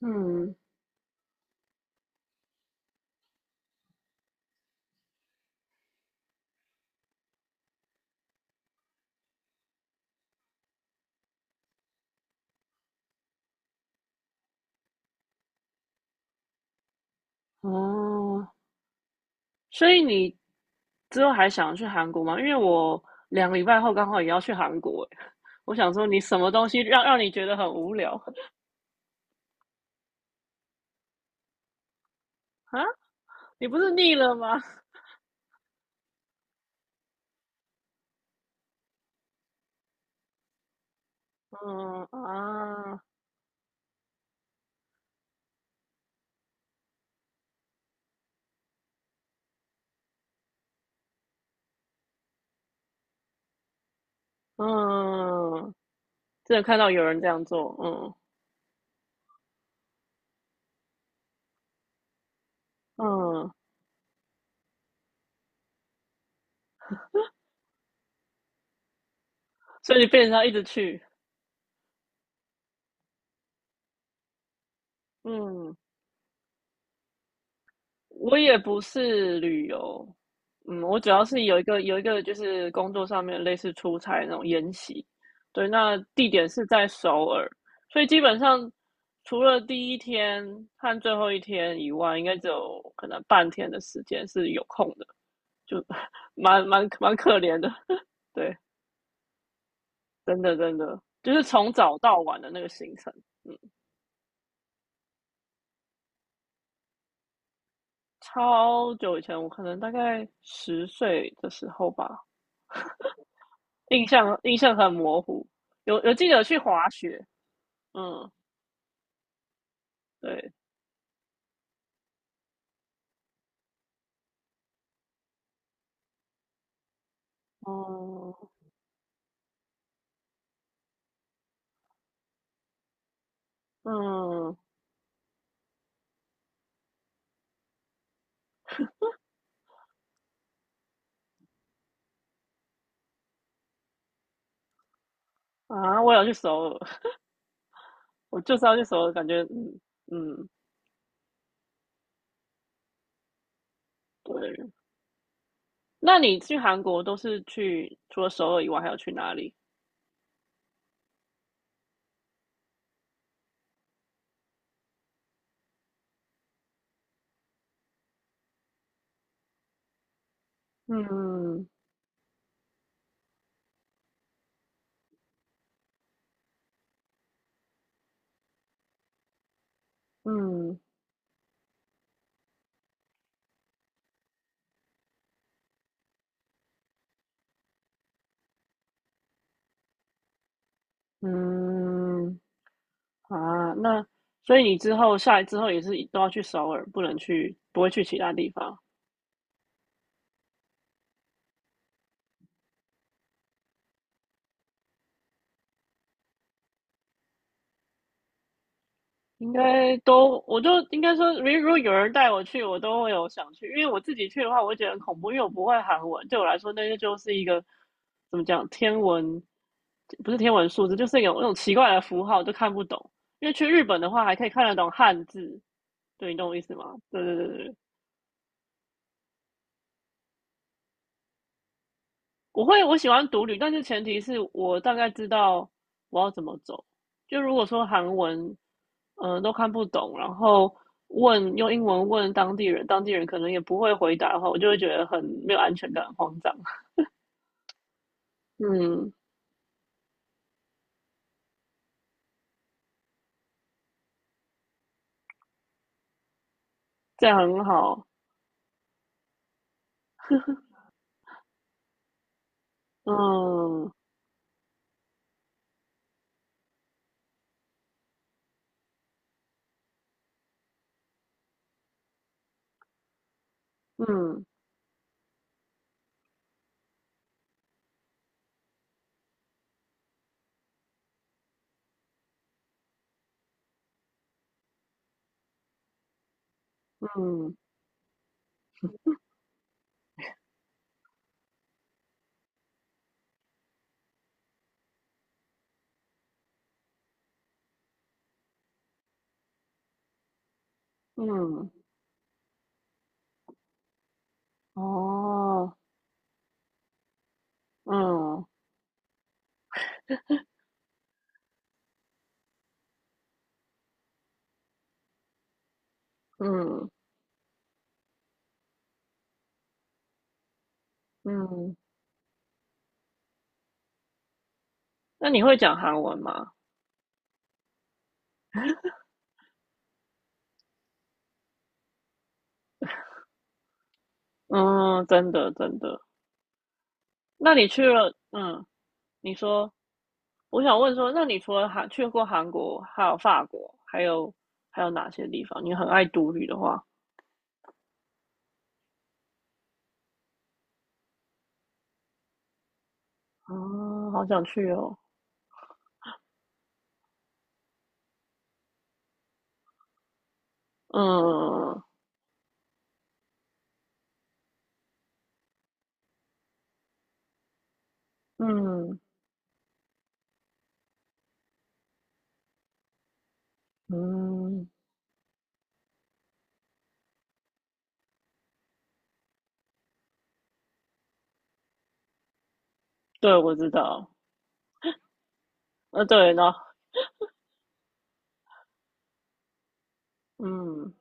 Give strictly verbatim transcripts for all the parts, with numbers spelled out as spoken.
嗯，哦，所以你之后还想去韩国吗？因为我两个礼拜后刚好也要去韩国欸，我想说你什么东西让让你觉得很无聊啊？你不是腻了吗？嗯啊，嗯，真的看到有人这样做，嗯嗯，所以你变成要一直去，嗯。我也不是旅游，嗯，我主要是有一个有一个就是工作上面类似出差那种研习，对，那地点是在首尔，所以基本上除了第一天和最后一天以外，应该只有可能半天的时间是有空的，就 蛮蛮蛮可怜的，对，真的真的就是从早到晚的那个行程，嗯，超久以前，我可能大概十岁的时候吧，印象印象很模糊，有有记得有去滑雪，嗯，对，哦，嗯啊，我有去首尔，我就知道去首尔，感觉嗯嗯，对。那你去韩国都是去除了首尔以外，还要去哪里？嗯嗯嗯啊，那所以你之后下来之后也是都要去首尔，不能去不会去其他地方。应该都，我就应该说，如如果有人带我去，我都会有想去，因为我自己去的话，我会觉得很恐怖，因为我不会韩文，对我来说，那个就是一个怎么讲，天文不是天文数字，就是有那种奇怪的符号，都看不懂。因为去日本的话，还可以看得懂汉字，对，你懂我意思吗？对对对对，我会我喜欢独旅，但是前提是我大概知道我要怎么走。就如果说韩文，嗯、都看不懂，然后问用英文问当地人，当地人可能也不会回答的话，我就会觉得很没有安全感，很慌张。嗯，这样很好。嗯嗯嗯嗯，哦，嗯嗯嗯，那你会讲韩文吗？嗯，真的真的。那你去了，嗯，你说。我想问说，那你除了韩去过韩国，还有法国，还有还有哪些地方？你很爱独旅的话，啊，好想去哦。嗯嗯嗯，对，我知道。呃，对，然后嗯，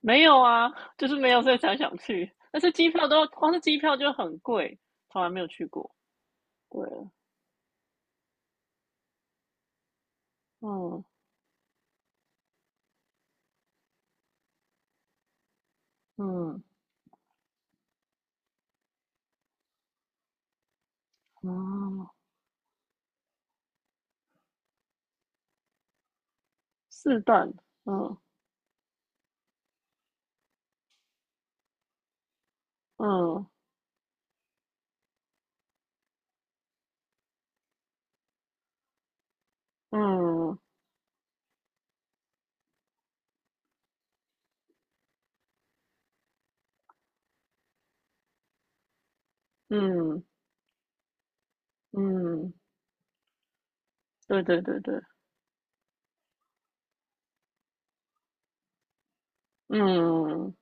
没有啊，就是没有，所以才想去。但是机票都光是机票就很贵，从来没有去过。对，嗯嗯啊，四段，嗯嗯嗯嗯嗯，对对对对。嗯，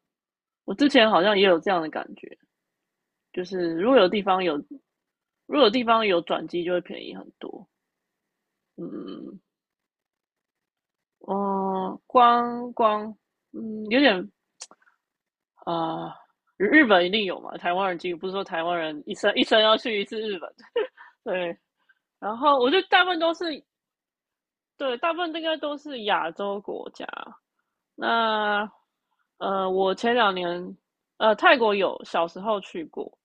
我之前好像也有这样的感觉，就是如果有地方有，如果有地方有转机，就会便宜很多。嗯，哦，光光，嗯，有点啊、呃日本一定有嘛，台湾人几乎不是说台湾人一生一生要去一次日本，对。然后我觉得大部分都是对，大部分应该都是亚洲国家。那呃，我前两年呃泰国有小时候去过，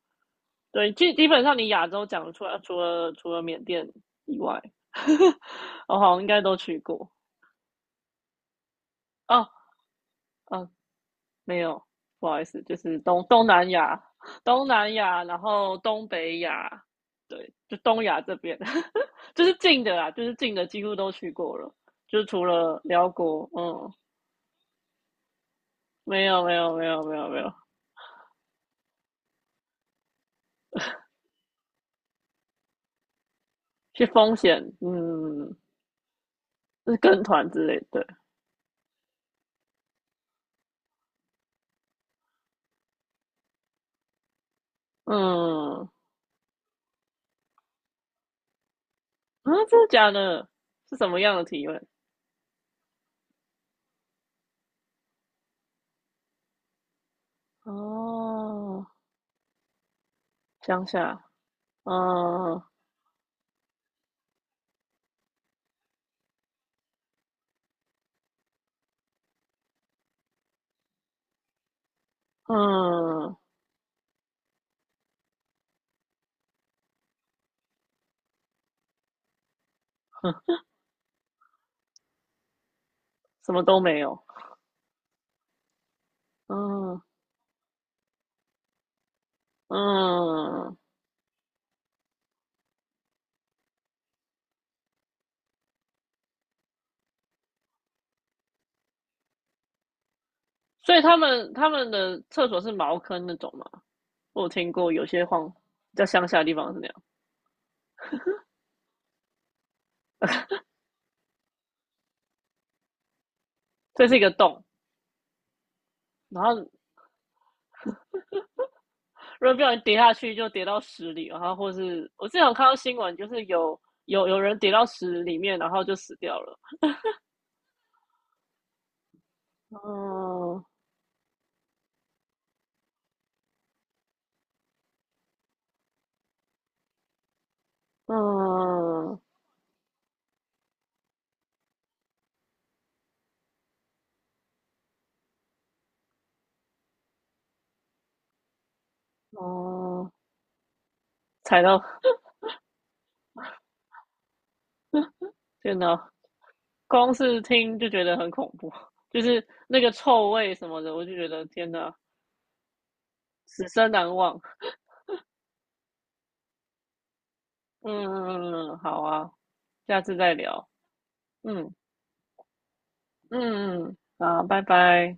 对，基基本上你亚洲讲得出来，除了除了缅甸以外，我好像应该都去过。哦，嗯，没有，不好意思，就是东东南亚、东南亚，然后东北亚，对，就东亚这边，就是近的啦，就是近的几乎都去过了，就是除了辽国，嗯，没有，没有，没有，没有，没有，去风险，嗯，是跟团之类的，嗯，啊，真的假的？是什么样的体验？哦，乡下，嗯嗯，什么都没有，嗯嗯，所以他们他们的厕所是茅坑那种嘛？我有听过有些荒比较乡下的地方是那样，这是一个洞，然后如果不小心跌下去就跌到屎里，然后或是我之前有看到新闻，就是有有有人跌到屎里面，然后就死掉了，嗯嗯哦，踩到天哪，光是听就觉得很恐怖，就是那个臭味什么的，我就觉得天哪，此生难忘。嗯，好啊，下次再聊。嗯嗯嗯，好，拜拜。